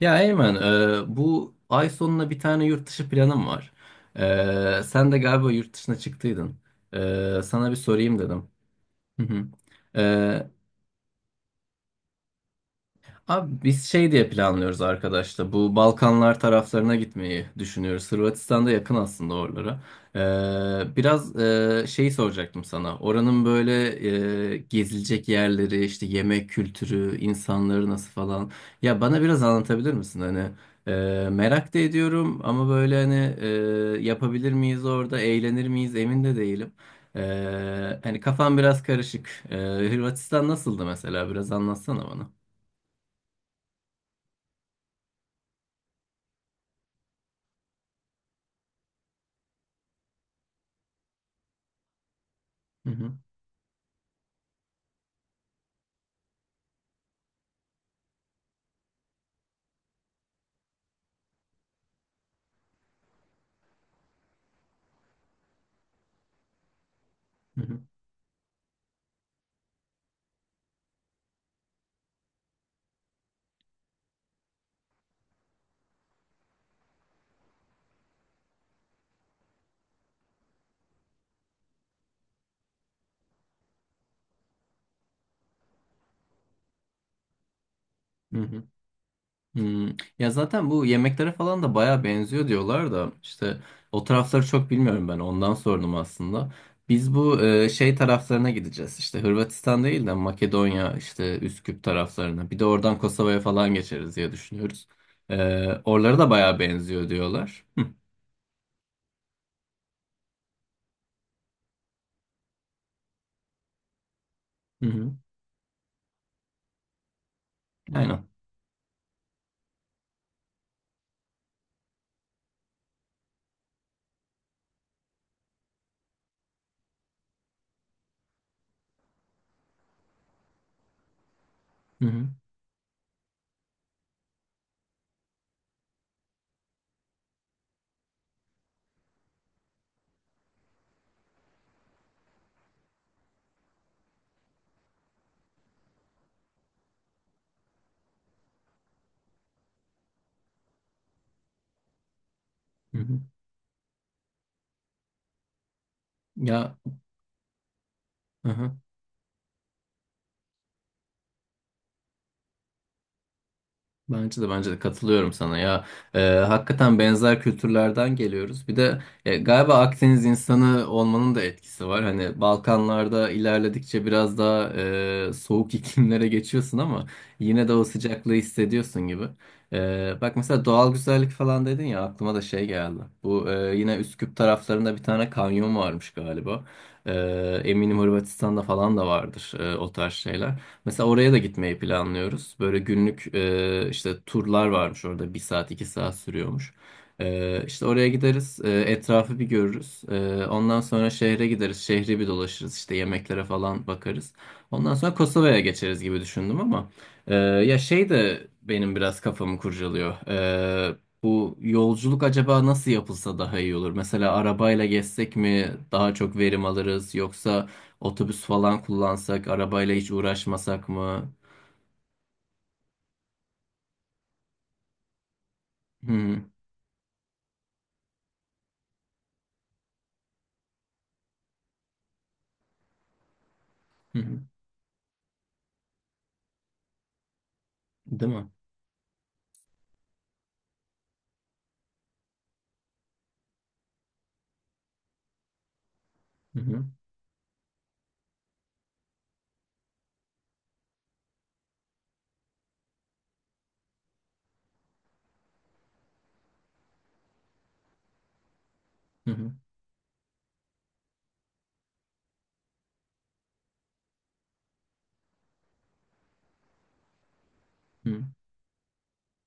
Ya Eymen, bu ay sonuna bir tane yurt dışı planım var. Sen de galiba yurt dışına çıktıydın. Sana bir sorayım dedim. Hı hı. E, Abi biz şey diye planlıyoruz arkadaşlar. Bu Balkanlar taraflarına gitmeyi düşünüyoruz. Hırvatistan'da yakın aslında oralara. Biraz şey soracaktım sana. Oranın böyle gezilecek yerleri, işte yemek kültürü, insanları nasıl falan. Ya bana biraz anlatabilir misin? Hani merak da ediyorum ama böyle hani e, yapabilir miyiz orada, eğlenir miyiz emin de değilim. Hani kafam biraz karışık. Hırvatistan nasıldı mesela? Biraz anlatsana bana. Hı hı, hı hı, hı. Ya zaten bu yemeklere falan da baya benziyor diyorlar da işte o tarafları çok bilmiyorum ben ondan sordum aslında. Biz bu şey taraflarına gideceğiz işte Hırvatistan değil de Makedonya işte Üsküp taraflarına bir de oradan Kosova'ya falan geçeriz diye düşünüyoruz. Oralara da baya benziyor diyorlar. Hı hı, hı. Aynen. Hı hı, hı hı. Ya hı hı. Bence de bence de katılıyorum sana ya. Ee, hakikaten benzer kültürlerden geliyoruz bir de galiba Akdeniz insanı olmanın da etkisi var hani Balkanlarda ilerledikçe biraz daha soğuk iklimlere geçiyorsun ama yine de o sıcaklığı hissediyorsun gibi. Bak mesela doğal güzellik falan dedin ya aklıma da şey geldi bu yine Üsküp taraflarında bir tane kanyon varmış galiba. Ee, eminim Hırvatistan'da falan da vardır o tarz şeyler. Mesela oraya da gitmeyi planlıyoruz. Böyle günlük işte turlar varmış orada. Bir saat, iki saat sürüyormuş. İşte oraya gideriz. Etrafı bir görürüz. Ondan sonra şehre gideriz. Şehri bir dolaşırız. İşte yemeklere falan bakarız. Ondan sonra Kosova'ya geçeriz gibi düşündüm ama ya şey de benim biraz kafamı kurcalıyor. E, bu yolculuk acaba nasıl yapılsa daha iyi olur? Mesela arabayla gezsek mi daha çok verim alırız yoksa otobüs falan kullansak, arabayla hiç uğraşmasak mı? Hı hı. Hı hı. Değil mi? Hı hı. Hı hı. Hı.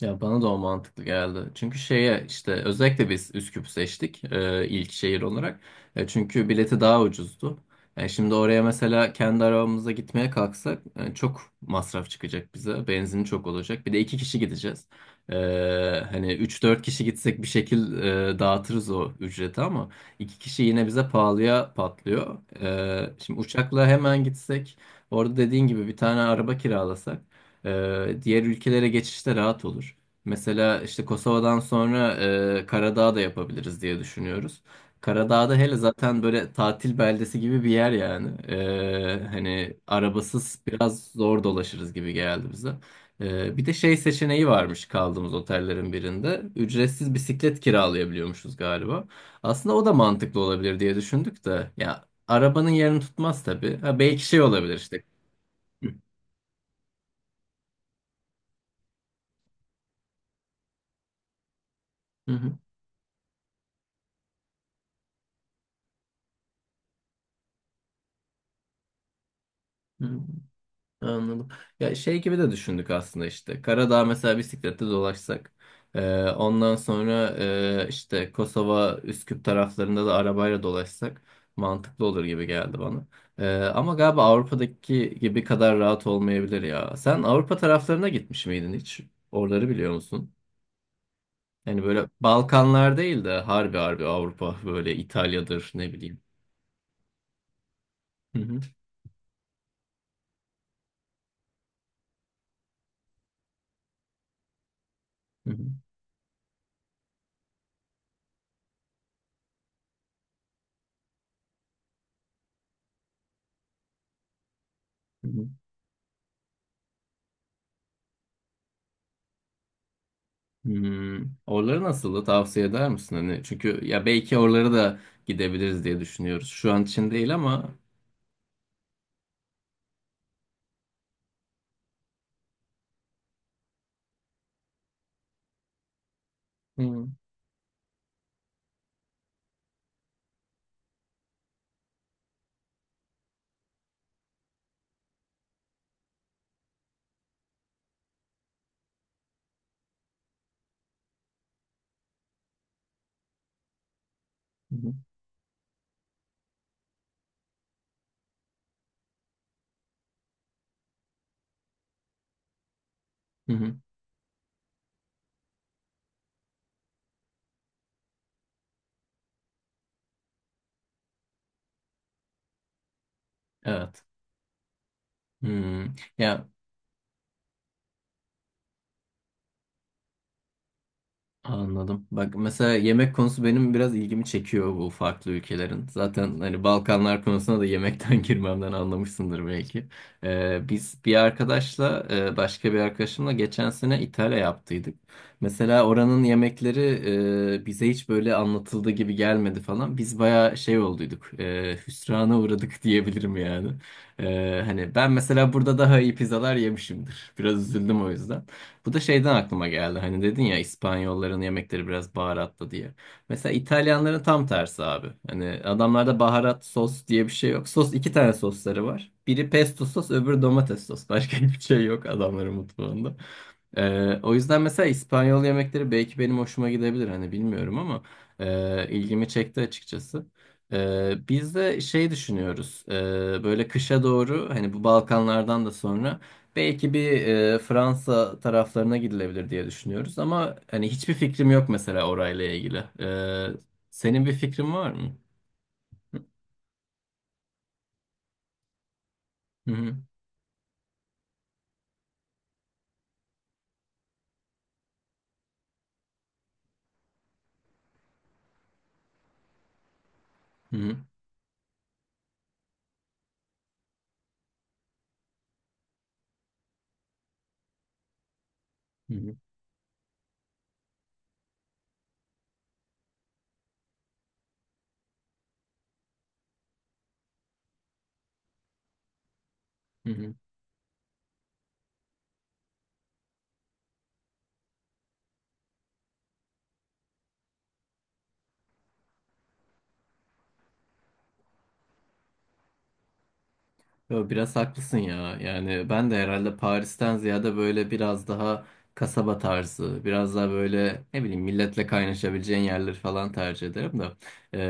Ya bana da o mantıklı geldi. Çünkü şeye işte özellikle biz Üsküp seçtik ilk şehir olarak. Çünkü bileti daha ucuzdu. Şimdi oraya mesela kendi arabamıza gitmeye kalksak çok masraf çıkacak bize. Benzin çok olacak. Bir de iki kişi gideceğiz. E, hani üç dört kişi gitsek bir şekil dağıtırız o ücreti ama iki kişi yine bize pahalıya patlıyor. Şimdi uçakla hemen gitsek orada dediğin gibi bir tane araba kiralasak, diğer ülkelere geçişte rahat olur. Mesela işte Kosova'dan sonra Karadağ da yapabiliriz diye düşünüyoruz. Karadağ'da hele zaten böyle tatil beldesi gibi bir yer yani. Hani arabasız biraz zor dolaşırız gibi geldi bize. Bir de şey seçeneği varmış kaldığımız otellerin birinde. Ücretsiz bisiklet kiralayabiliyormuşuz galiba. Aslında o da mantıklı olabilir diye düşündük de. Ya arabanın yerini tutmaz tabii. Ha, belki şey olabilir işte. Hı hı. Hı. Anladım. Ya şey gibi de düşündük aslında işte. Karadağ mesela bisiklette dolaşsak. Ondan sonra işte Kosova, Üsküp taraflarında da arabayla dolaşsak mantıklı olur gibi geldi bana. Ama galiba Avrupa'daki gibi kadar rahat olmayabilir ya. Sen Avrupa taraflarına gitmiş miydin hiç? Oraları biliyor musun? Yani böyle Balkanlar değil de harbi harbi Avrupa böyle İtalya'dır ne bileyim. Hı hı, hı hı, hı hı. Hmm, oraları nasıldı? Tavsiye eder misin? Hani çünkü ya belki oralara da gidebiliriz diye düşünüyoruz. Şu an için değil ama. Hı hı. Hı hı. Evet. Hmm. Ya anladım. Bak mesela yemek konusu benim biraz ilgimi çekiyor bu farklı ülkelerin. Zaten hani Balkanlar konusuna da yemekten girmemden anlamışsındır belki. Biz bir arkadaşla başka bir arkadaşımla geçen sene İtalya yaptıydık. Mesela oranın yemekleri bize hiç böyle anlatıldığı gibi gelmedi falan. Biz bayağı şey olduyduk. Hüsrana uğradık diyebilirim yani. Hani ben mesela burada daha iyi pizzalar yemişimdir. Biraz üzüldüm o yüzden. Bu da şeyden aklıma geldi. Hani dedin ya İspanyolların yemekleri biraz baharatlı diye. Mesela İtalyanların tam tersi abi. Hani adamlarda baharat sos diye bir şey yok. Sos iki tane sosları var. Biri pesto sos, öbürü domates sos. Başka hiçbir şey yok adamların mutfağında. O yüzden mesela İspanyol yemekleri belki benim hoşuma gidebilir. Hani bilmiyorum ama ilgimi çekti açıkçası. Biz de şey düşünüyoruz. Böyle kışa doğru hani bu Balkanlardan da sonra. Belki bir Fransa taraflarına gidilebilir diye düşünüyoruz ama hani hiçbir fikrim yok mesela orayla ilgili. Senin bir fikrin var mı? Hı hı, hı hı, hı hı, hı hı. Yo, biraz haklısın ya. Yani ben de herhalde Paris'ten ziyade böyle biraz daha kasaba tarzı, biraz daha böyle ne bileyim milletle kaynaşabileceğin yerleri falan tercih ederim de.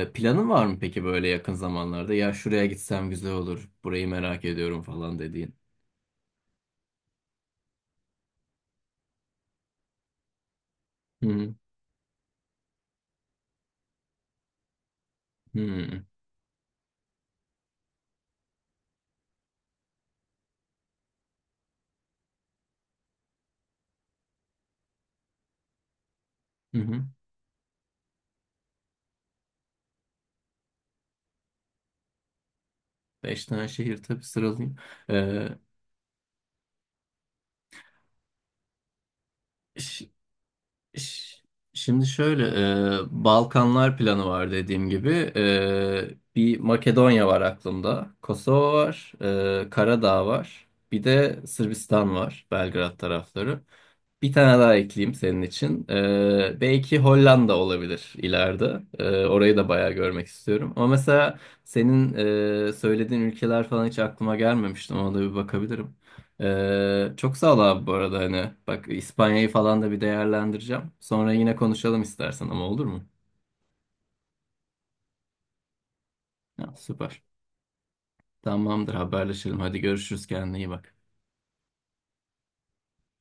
Planın var mı peki böyle yakın zamanlarda? Ya şuraya gitsem güzel olur, burayı merak ediyorum falan dediğin. Hı hı, hı hı. Hı hı. Beş tane şehir tabii sıralayayım. Ee, ş- ş- şimdi şöyle Balkanlar planı var dediğim gibi. Ee, bir Makedonya var aklımda. Kosova var. Karadağ var. Bir de Sırbistan var. Belgrad tarafları. Bir tane daha ekleyeyim senin için. Belki Hollanda olabilir ileride. Orayı da bayağı görmek istiyorum. Ama mesela senin söylediğin ülkeler falan hiç aklıma gelmemişti. Ona da bir bakabilirim. Çok sağ ol abi bu arada. Hani bak İspanya'yı falan da bir değerlendireceğim. Sonra yine konuşalım istersen ama olur mu? Ya, süper. Tamamdır haberleşelim. Hadi görüşürüz kendine iyi bak.